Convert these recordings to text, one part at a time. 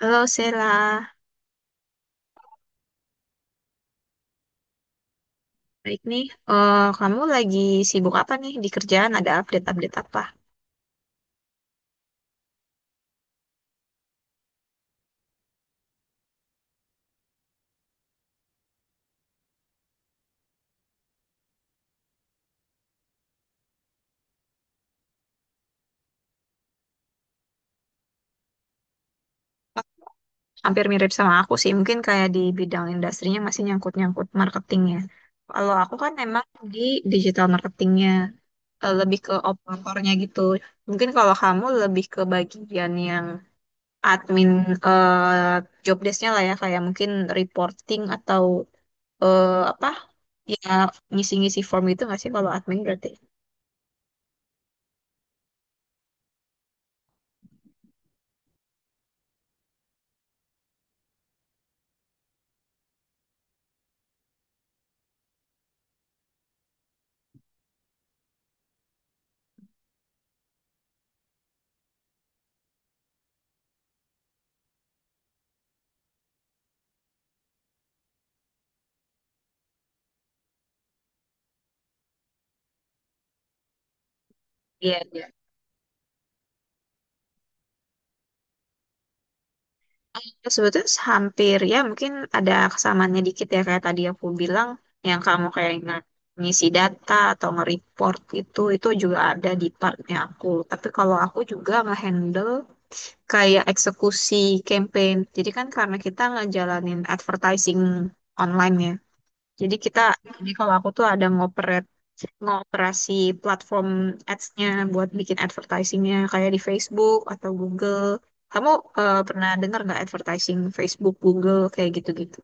Halo, Sela. Baik nih. Kamu lagi sibuk apa nih di kerjaan? Ada update-update apa? Hampir mirip sama aku sih. Mungkin kayak di bidang industrinya masih nyangkut-nyangkut marketingnya. Kalau aku kan emang di digital marketingnya, lebih ke operatornya gitu. Mungkin kalau kamu lebih ke bagian yang admin, eh job desk-nya lah ya, kayak mungkin reporting atau, apa ya, ngisi-ngisi form itu nggak sih kalau admin berarti? Iya. Eh, Sebetulnya hampir ya, mungkin ada kesamaannya dikit ya, kayak tadi aku bilang, yang kamu kayak ngisi data atau nge-report itu juga ada di partnya aku. Tapi kalau aku juga nge-handle kayak eksekusi campaign. Jadi kan karena kita ngejalanin advertising online ya. Jadi kita jadi kalau aku tuh ada ngoperasi platform ads-nya buat bikin advertising-nya kayak di Facebook atau Google. Kamu pernah dengar nggak advertising Facebook, Google kayak gitu-gitu?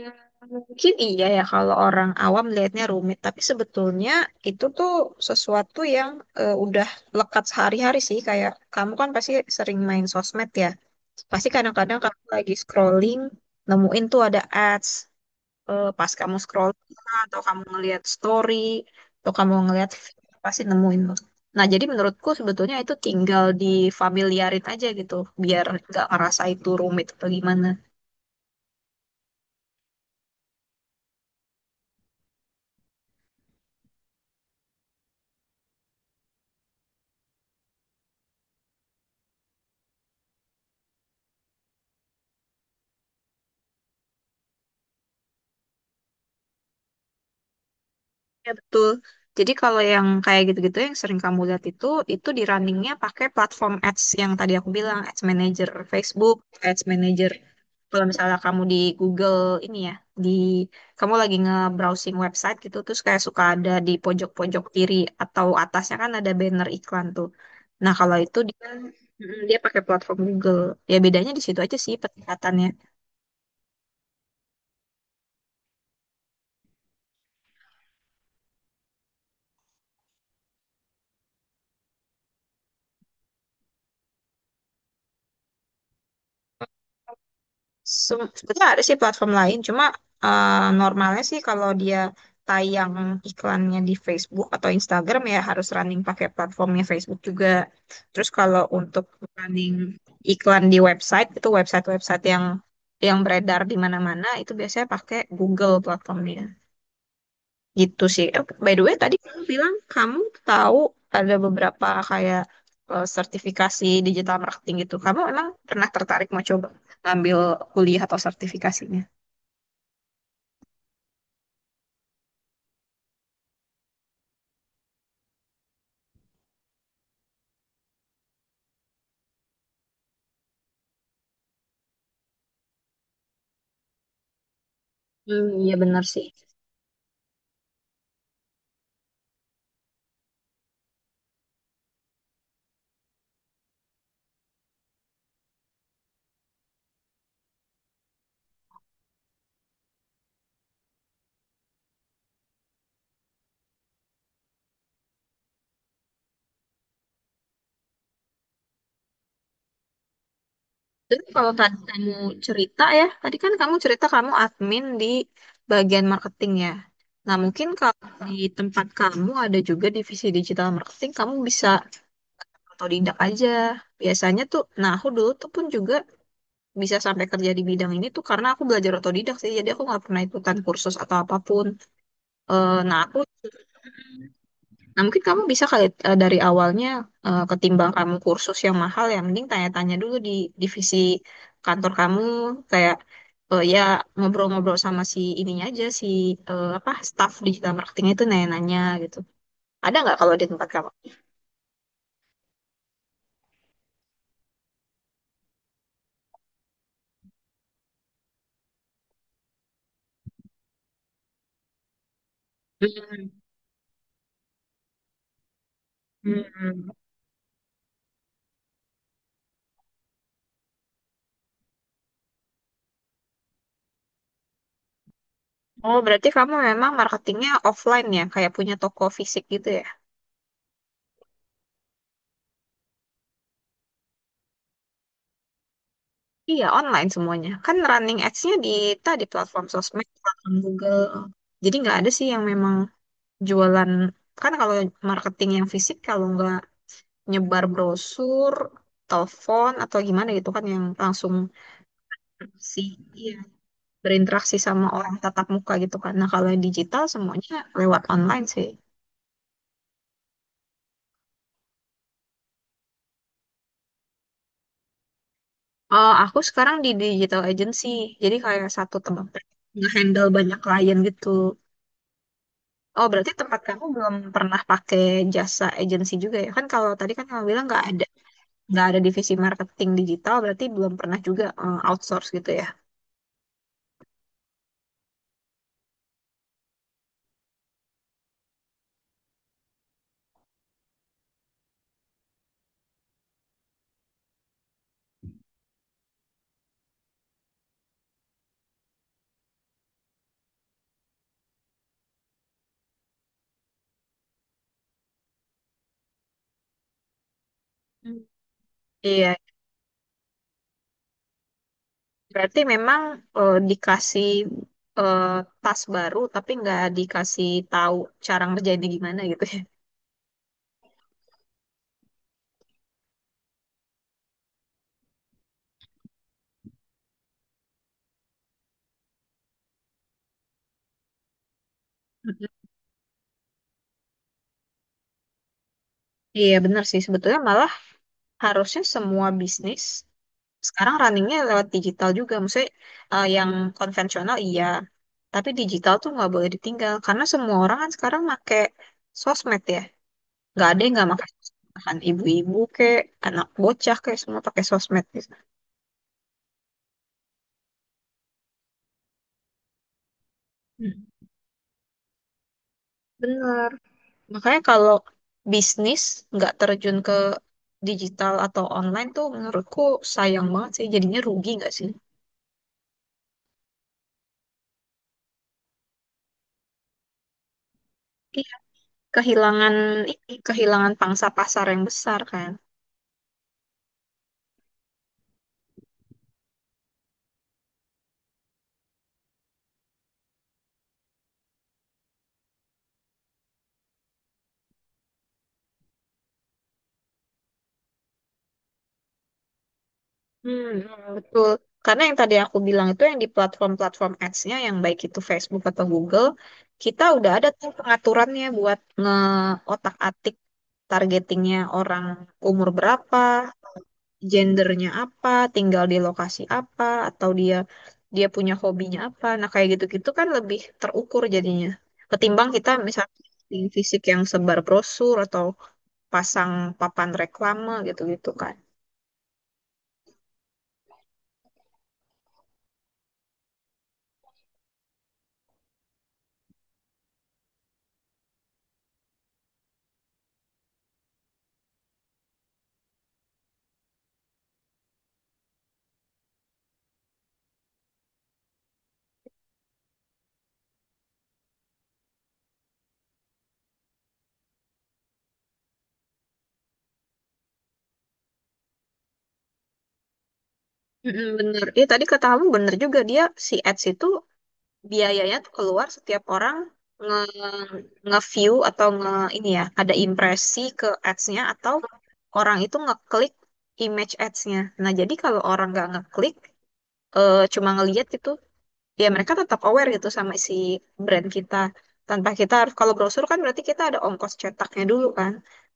Ya, mungkin iya ya kalau orang awam lihatnya rumit, tapi sebetulnya itu tuh sesuatu yang, udah lekat sehari-hari sih. Kayak kamu kan pasti sering main sosmed ya. Pasti kadang-kadang kamu lagi scrolling, nemuin tuh ada ads. Pas kamu scroll, atau kamu ngelihat story, atau kamu ngelihat feed, pasti nemuin loh. Nah, jadi menurutku sebetulnya itu tinggal difamiliarin aja gitu, biar nggak ngerasa itu rumit atau gimana. Ya, betul. Jadi kalau yang kayak gitu-gitu yang sering kamu lihat itu di runningnya pakai platform ads yang tadi aku bilang, Ads Manager Facebook, Ads Manager. Kalau misalnya kamu di Google ini ya, di kamu lagi nge-browsing website gitu, terus kayak suka ada di pojok-pojok kiri atau atasnya kan ada banner iklan tuh. Nah, kalau itu dia pakai platform Google. Ya, bedanya di situ aja sih peningkatannya. Sebetulnya ada sih platform lain, cuma eh, normalnya sih kalau dia tayang iklannya di Facebook atau Instagram ya harus running pakai platformnya Facebook juga. Terus kalau untuk running iklan di website, itu website-website yang beredar di mana-mana itu biasanya pakai Google platformnya. Gitu sih. By the way, tadi kamu bilang kamu tahu ada beberapa kayak, sertifikasi digital marketing gitu. Kamu emang pernah tertarik mau coba ngambil kuliah atau sertifikasinya? Hmm, iya benar sih. Terus kalau tadi kamu cerita ya, tadi kan kamu cerita kamu admin di bagian marketing ya. Nah, mungkin kalau di tempat kamu ada juga divisi digital marketing, kamu bisa, atau otodidak aja. Biasanya tuh, nah, aku dulu tuh pun juga bisa sampai kerja di bidang ini tuh karena aku belajar otodidak sih. Jadi aku nggak pernah ikutan kursus atau apapun. Eh, nah aku, nah mungkin kamu bisa kali, dari awalnya, ketimbang kamu kursus yang mahal, ya mending tanya-tanya dulu di divisi kantor kamu kayak, ya ngobrol-ngobrol sama si ininya aja, si apa, staff digital marketing itu, nanya-nanya gitu. Ada nggak kalau di tempat kamu? Hmm. Hmm. Oh, berarti kamu memang marketingnya offline ya, kayak punya toko fisik gitu ya? Iya, online semuanya. Kan running ads-nya di tadi platform sosmed, platform Google. Jadi nggak ada sih yang memang jualan. Kan kalau marketing yang fisik, kalau nggak nyebar brosur, telepon, atau gimana gitu kan yang langsung, si, iya, berinteraksi sama orang tatap muka gitu kan. Nah, kalau yang digital semuanya lewat online sih. Aku sekarang di digital agency, jadi kayak satu tempat nge-handle banyak klien gitu. Oh, berarti tempat kamu belum pernah pakai jasa agensi juga ya? Kan kalau tadi kan kamu bilang nggak ada divisi marketing digital, berarti belum pernah juga, outsource gitu ya? Hmm. Iya, berarti memang, dikasih, eh, tas baru, tapi nggak dikasih tahu cara ngerjainnya gimana gitu ya? Mhm. Iya, benar sih. Sebetulnya malah harusnya semua bisnis sekarang runningnya lewat digital juga, maksudnya, yang konvensional iya, tapi digital tuh nggak boleh ditinggal karena semua orang kan sekarang make sosmed ya, nggak ada yang nggak pakai sosmed, bahkan ibu-ibu kek, anak bocah kek, semua pakai sosmed gitu. Hmm. Bener. Makanya kalau bisnis nggak terjun ke digital atau online tuh menurutku sayang banget sih. Jadinya rugi nggak sih? Iya. Kehilangan kehilangan pangsa pasar yang besar kan. Hmm, hmm, betul. Karena yang tadi aku bilang itu, yang di platform-platform ads-nya yang baik itu Facebook atau Google, kita udah ada tuh pengaturannya buat ngeotak-atik targetingnya orang umur berapa, gendernya apa, tinggal di lokasi apa, atau dia dia punya hobinya apa. Nah, kayak gitu-gitu kan lebih terukur jadinya. Ketimbang kita misalnya posting fisik yang sebar brosur atau pasang papan reklame gitu-gitu kan. Mm-mm, bener. Iya, tadi kata kamu bener juga, dia si ads itu biayanya tuh keluar setiap orang nge nge-view, atau ini ya, ada impresi ke ads-nya, atau orang itu ngeklik image ads-nya. Nah, jadi kalau orang nggak ngeklik, cuma ngeliat gitu, ya mereka tetap aware gitu sama si brand kita. Tanpa kita harus, kalau brosur kan berarti kita ada ongkos cetaknya dulu kan,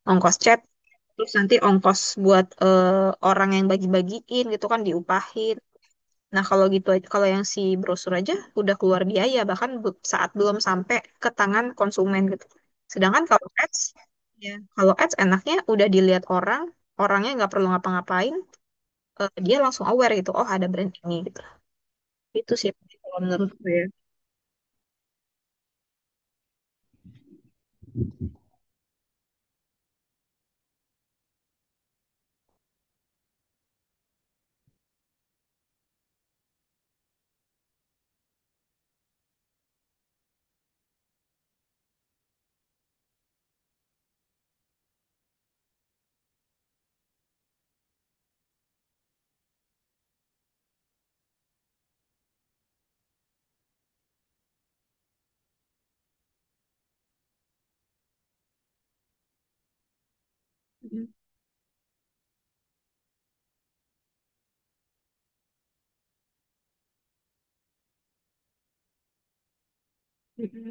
ongkos cetak, terus nanti ongkos buat, orang yang bagi-bagiin gitu kan diupahin. Nah, kalau yang si brosur aja udah keluar biaya bahkan saat belum sampai ke tangan konsumen gitu. Sedangkan kalau ads, ya kalau ads enaknya udah dilihat orang, orangnya nggak perlu ngapa-ngapain, dia langsung aware gitu, oh ada brand ini gitu. Itu sih kalau menurut saya. Mm, mm,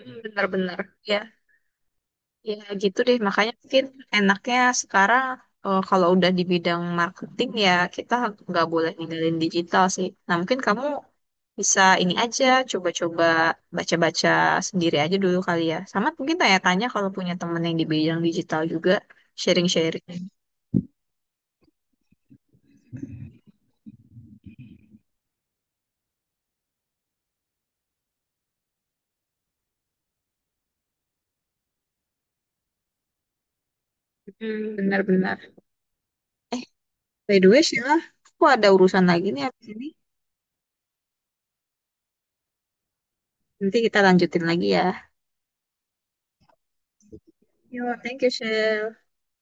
mm, benar-benar. Ya, ya gitu deh. Makanya mungkin enaknya sekarang, kalau udah di bidang marketing ya kita nggak boleh ninggalin digital sih. Nah, mungkin kamu bisa ini aja, coba-coba baca-baca sendiri aja dulu kali ya. Sama mungkin tanya-tanya kalau punya temen yang di bidang digital juga, sharing-sharing. Hmm, benar-benar. By the way, Sheila, aku ada urusan lagi nih abis ini. Nanti kita lanjutin lagi ya. Yo, thank you, Sheila.